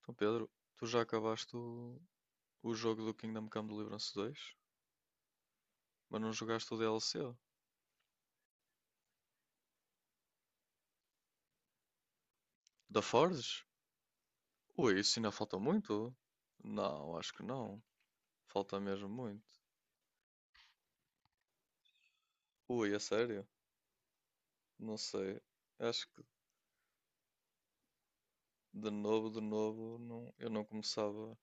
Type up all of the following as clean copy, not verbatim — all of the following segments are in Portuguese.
Então, Pedro, tu já acabaste o jogo do Kingdom Come Deliverance 2, mas não jogaste o DLC? Da Forge? Ui, isso ainda falta muito? Não, acho que não. Falta mesmo muito. Ui, a sério? Não sei. Acho que de novo, não, eu não começava.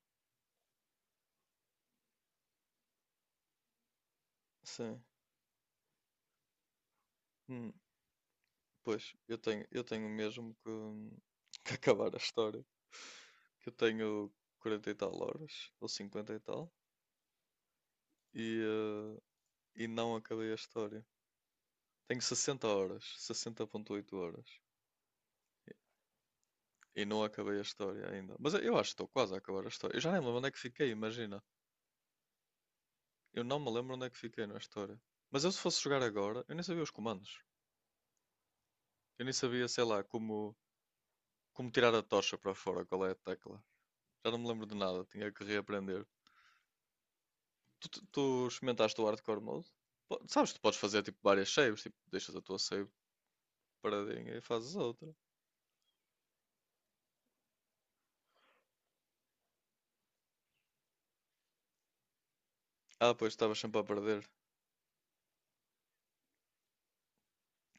Sim. Hum, pois, eu tenho mesmo que, que acabar a história. Que eu tenho 40 e tal horas, ou 50 e tal, e, e não acabei a história. Tenho 60 horas, 60,8 horas. E não acabei a história ainda. Mas eu acho que estou quase a acabar a história. Eu já nem me lembro onde é que fiquei, imagina. Eu não me lembro onde é que fiquei na história. Mas eu se fosse jogar agora, eu nem sabia os comandos. Eu nem sabia, sei lá, como tirar a tocha para fora, qual é a tecla. Já não me lembro de nada, tinha que reaprender. Tu experimentaste o hardcore mode? Sabes, tu podes fazer tipo várias saves, tipo, deixas a tua save paradinha e fazes outra. Ah, pois estavas sempre a perder.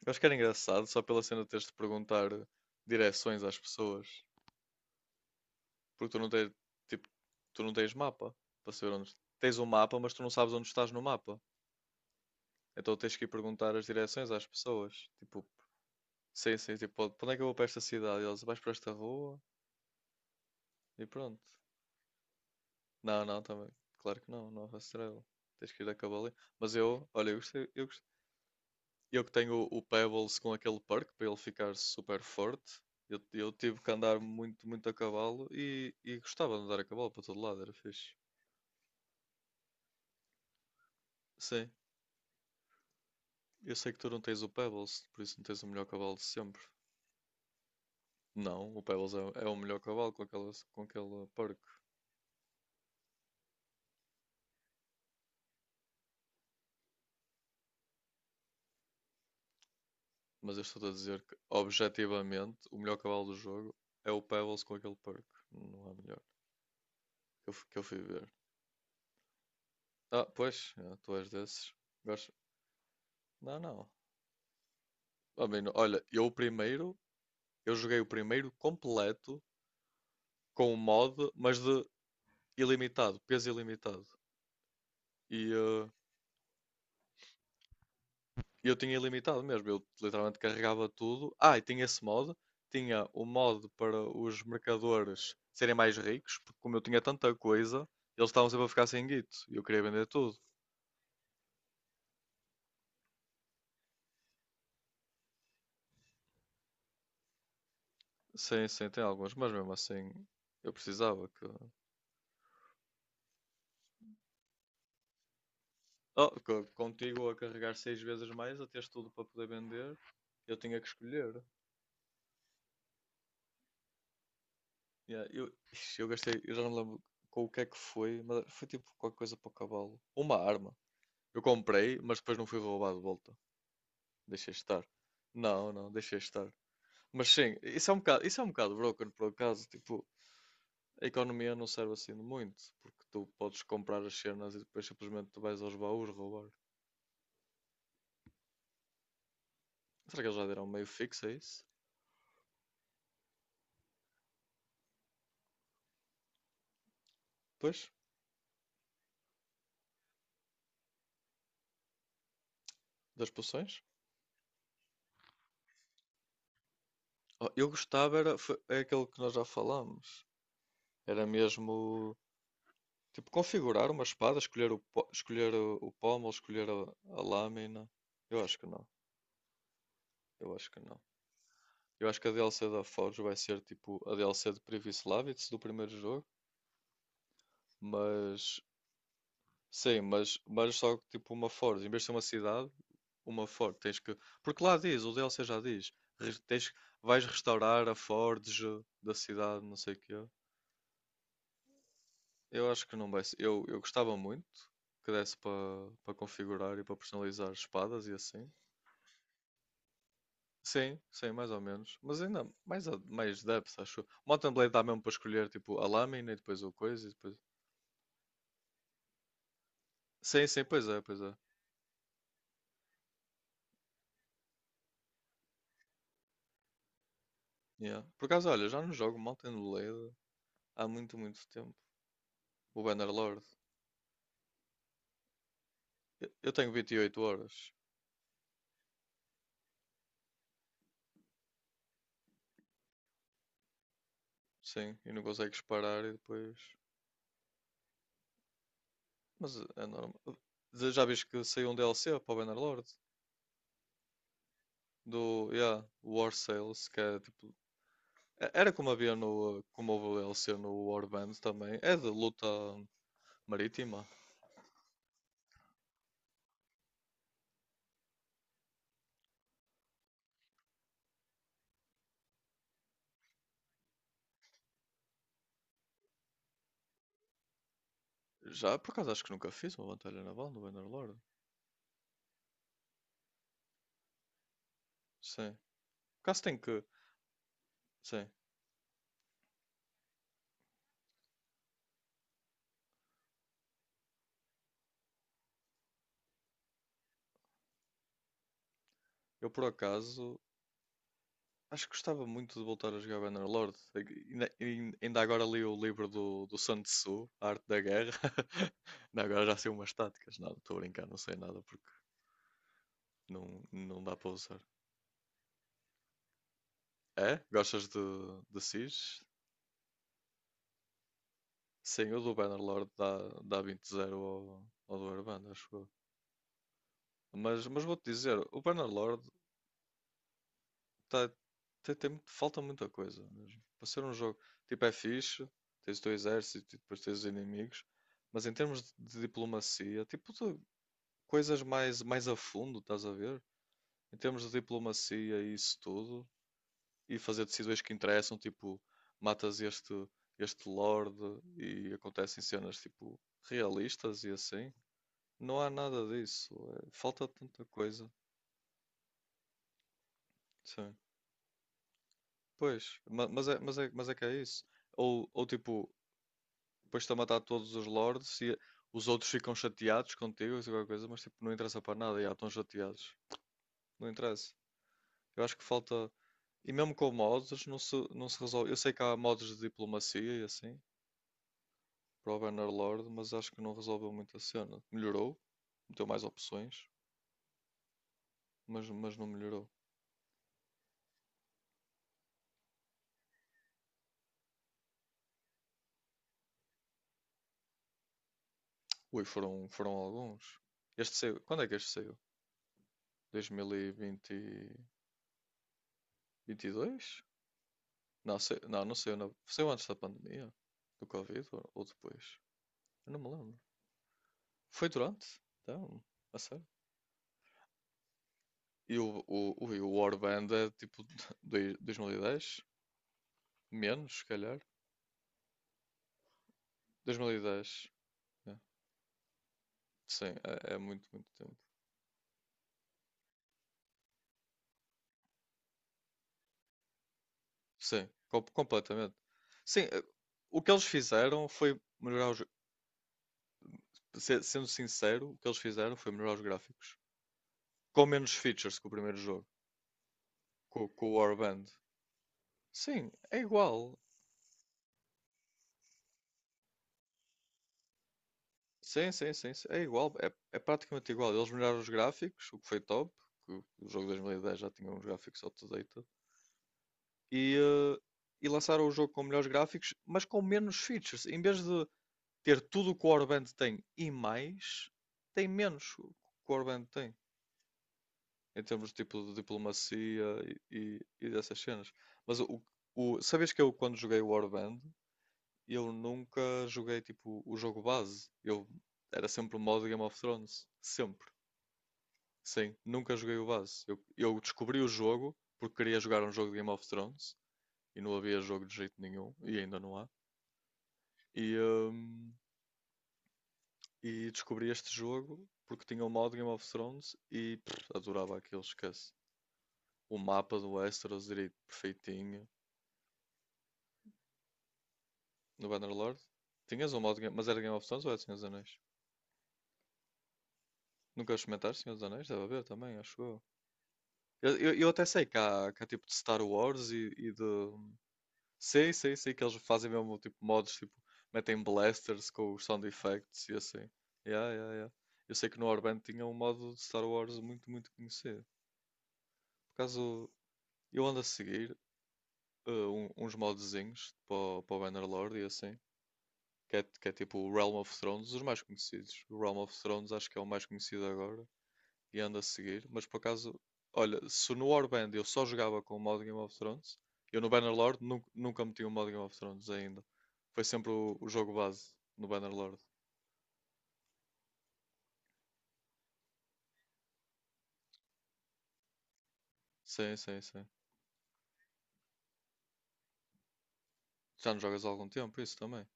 Eu acho que era engraçado só pela cena de teres de perguntar direções às pessoas. Porque tipo, tu não tens mapa para saber onde. Tens um mapa, mas tu não sabes onde estás no mapa. Então tens que ir perguntar as direções às pessoas. Tipo, sim, sim, tipo, "Pode- "Para onde é que eu vou para esta cidade? E eles, vais para esta rua e pronto. Não, não, também. Claro que não, não é Estrela. Tens que ir a cavalo. Mas eu, olha, eu gostei. Eu que tenho o Pebbles com aquele perk para ele ficar super forte. Eu tive que andar muito, muito a cavalo e gostava de andar a cavalo para todo lado, era fixe. Sim, eu sei que tu não tens o Pebbles, por isso não tens o melhor cavalo de sempre. Não, o Pebbles é, é o melhor cavalo com aquela, com aquele perk. Mas eu estou a dizer que, objetivamente, o melhor cavalo do jogo é o Pebbles com aquele perk. Não há melhor. Que eu fui ver. Ah, pois, é, tu és desses. Gosto. Não, não. A mim não. Olha, eu joguei o primeiro completo com o mod, mas de ilimitado, peso ilimitado. E eu tinha ilimitado mesmo, eu literalmente carregava tudo. Ah, e tinha esse mod, tinha o mod para os mercadores serem mais ricos, porque como eu tinha tanta coisa, eles estavam sempre a ficar sem guito e eu queria vender tudo. Sim, sim, tem alguns, mas mesmo assim eu precisava que. Oh, contigo a carregar 6 vezes mais, a teres tudo para poder vender, eu tinha que escolher. Yeah, eu, ixi, eu gastei, eu já não lembro com o que é que foi, mas foi tipo qualquer coisa para o cavalo. Uma arma. Eu comprei, mas depois não fui roubado de volta. Deixei estar. Não, não, deixei estar. Mas sim, isso é um bocado broken por acaso. Tipo, a economia não serve assim de muito, porque tu podes comprar as cenas e depois simplesmente tu vais aos baús roubar. Será que eles já deram meio fixo a isso? Depois, das poções? Oh, eu gostava, era, foi, é aquele que nós já falámos. Era mesmo tipo, configurar uma espada, escolher o, po- escolher o pommel, escolher a lâmina. Eu acho que não. Eu acho que não. Eu acho que a DLC da Forge vai ser tipo a DLC de Privislavits do primeiro jogo. Mas, sim, mas só que tipo uma Forge. Em vez de ser uma cidade, uma Forge. Tens que. Porque lá diz, o DLC já diz. Tens, vais restaurar a Forge da cidade, não sei o quê. Eu acho que não vai ser. Eu gostava muito que desse para configurar e para personalizar espadas e assim. Sim, sim, mais ou menos. Mas ainda mais, mais depth, acho eu. Mountain Blade dá mesmo para escolher tipo a lâmina e depois o coisa e depois. Sim, sim, pois é, pois é. Yeah. Por acaso, olha, já não jogo Mountain Blade há muito, muito tempo. O Bannerlord. Eu tenho 28 horas. Sim, e não consegues parar e depois. Mas é normal. Já viste que saiu um DLC para o Bannerlord? Do, yeah, War Sales, que é tipo. Era como havia no como houve o DLC no Warband também. É de luta marítima. Já, por acaso acho que nunca fiz uma batalha naval no Bannerlord. Sim. Por acaso tenho que. Sim. Eu por acaso acho que gostava muito de voltar a jogar Bannerlord. Ainda agora li o livro do, do Sun Tzu, A Arte da Guerra. Não, agora já sei umas táticas. Não, estou a brincar, não sei nada porque não dá para usar. É? Gostas de Siege? Sim, o do Bannerlord dá, dá 20-0 ao, ao do Warband, acho eu. Mas vou-te dizer, o Bannerlord. Tá, tem muito. Falta muita coisa mesmo. Para ser um jogo, tipo, é fixe, tens o teu exército e depois tens os inimigos, mas em termos de diplomacia, tipo, de coisas mais, mais a fundo, estás a ver? Em termos de diplomacia e isso tudo, e fazer decisões que interessam, tipo, matas este, este lord e acontecem cenas, tipo, realistas e assim, não há nada disso. Falta tanta coisa. Sim. Pois, mas é que é isso. Ou tipo, depois-te a matar todos os lords e os outros ficam chateados contigo, isso é qualquer coisa, mas tipo, não interessa para nada, já estão chateados. Não interessa. Eu acho que falta. E mesmo com mods, não se resolve. Eu sei que há mods de diplomacia e assim, para o Bannerlord, mas acho que não resolveu muito a cena. Melhorou, meteu mais opções, mas não melhorou. Ui, foram, foram alguns. Este saiu. Quando é que este saiu? 2022? Não, sei, não, não saiu. Na- saiu antes da pandemia, do Covid ou depois? Eu não me lembro. Foi durante? Então, a sério? E o Warband é tipo 2010? Menos, se calhar. 2010. É. Sim, é, é muito, muito tempo. Sim, completamente. Sim, o que eles fizeram foi melhorar os. Sendo sincero, o que eles fizeram foi melhorar os gráficos. Com menos features que o primeiro jogo, com o Warband. Sim, é igual. Sim, sim, sim, sim. É igual, é, é praticamente igual. Eles melhoraram os gráficos, o que foi top, que o jogo de 2010 já tinha uns gráficos outdated, e, e lançaram o jogo com melhores gráficos, mas com menos features. Em vez de ter tudo o que o Warband tem e mais, tem menos o que o Warband tem, em termos de tipo de diplomacia e dessas cenas. Mas sabes que eu, quando joguei o Warband, eu nunca joguei tipo o jogo base. Eu era sempre o modo Game of Thrones, sempre. Sim, nunca joguei o base. Eu descobri o jogo porque queria jogar um jogo de Game of Thrones e não havia jogo de jeito nenhum e ainda não há. E, hum, e descobri este jogo porque tinha o modo Game of Thrones e pff, adorava aquilo, esquece. O mapa do Westeros direito perfeitinho no Bannerlord. Tinhas o modo, mas era Game of Thrones ou era Senhor dos Anéis? Nunca experimentaste Senhor dos Anéis? Deve haver também, acho eu. Eu até sei que há tipo de Star Wars sei, sei, sei que eles fazem mesmo tipo mods, tipo, metem blasters com os sound effects e assim. Yeah, yeah, yeah. Eu sei que no Warband tinha um modo de Star Wars muito, muito conhecido. Por acaso, eu ando a seguir uns modzinhos para o Bannerlord e assim, que é tipo o Realm of Thrones, os mais conhecidos. O Realm of Thrones acho que é o mais conhecido agora. E ando a seguir, mas por acaso, olha, se no Warband eu só jogava com o modo Game of Thrones, eu no Bannerlord nu nunca meti o modo Game of Thrones ainda. Foi sempre o jogo base no Bannerlord. Sim, sim, sim. Já não jogas há algum tempo, isso também.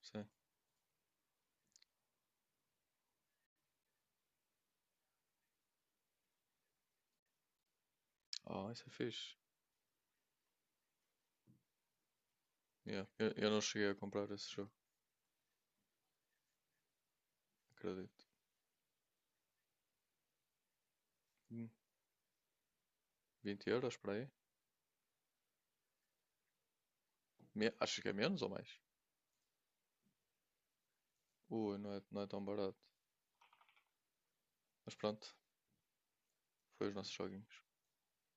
Sim. Ah, isso é fixe. Yeah. Eu não cheguei a comprar esse jogo, acredito. Hum, 20€ para aí? Acho que é menos ou mais? Ui, não é, não é tão barato. Mas pronto, foi os nossos joguinhos.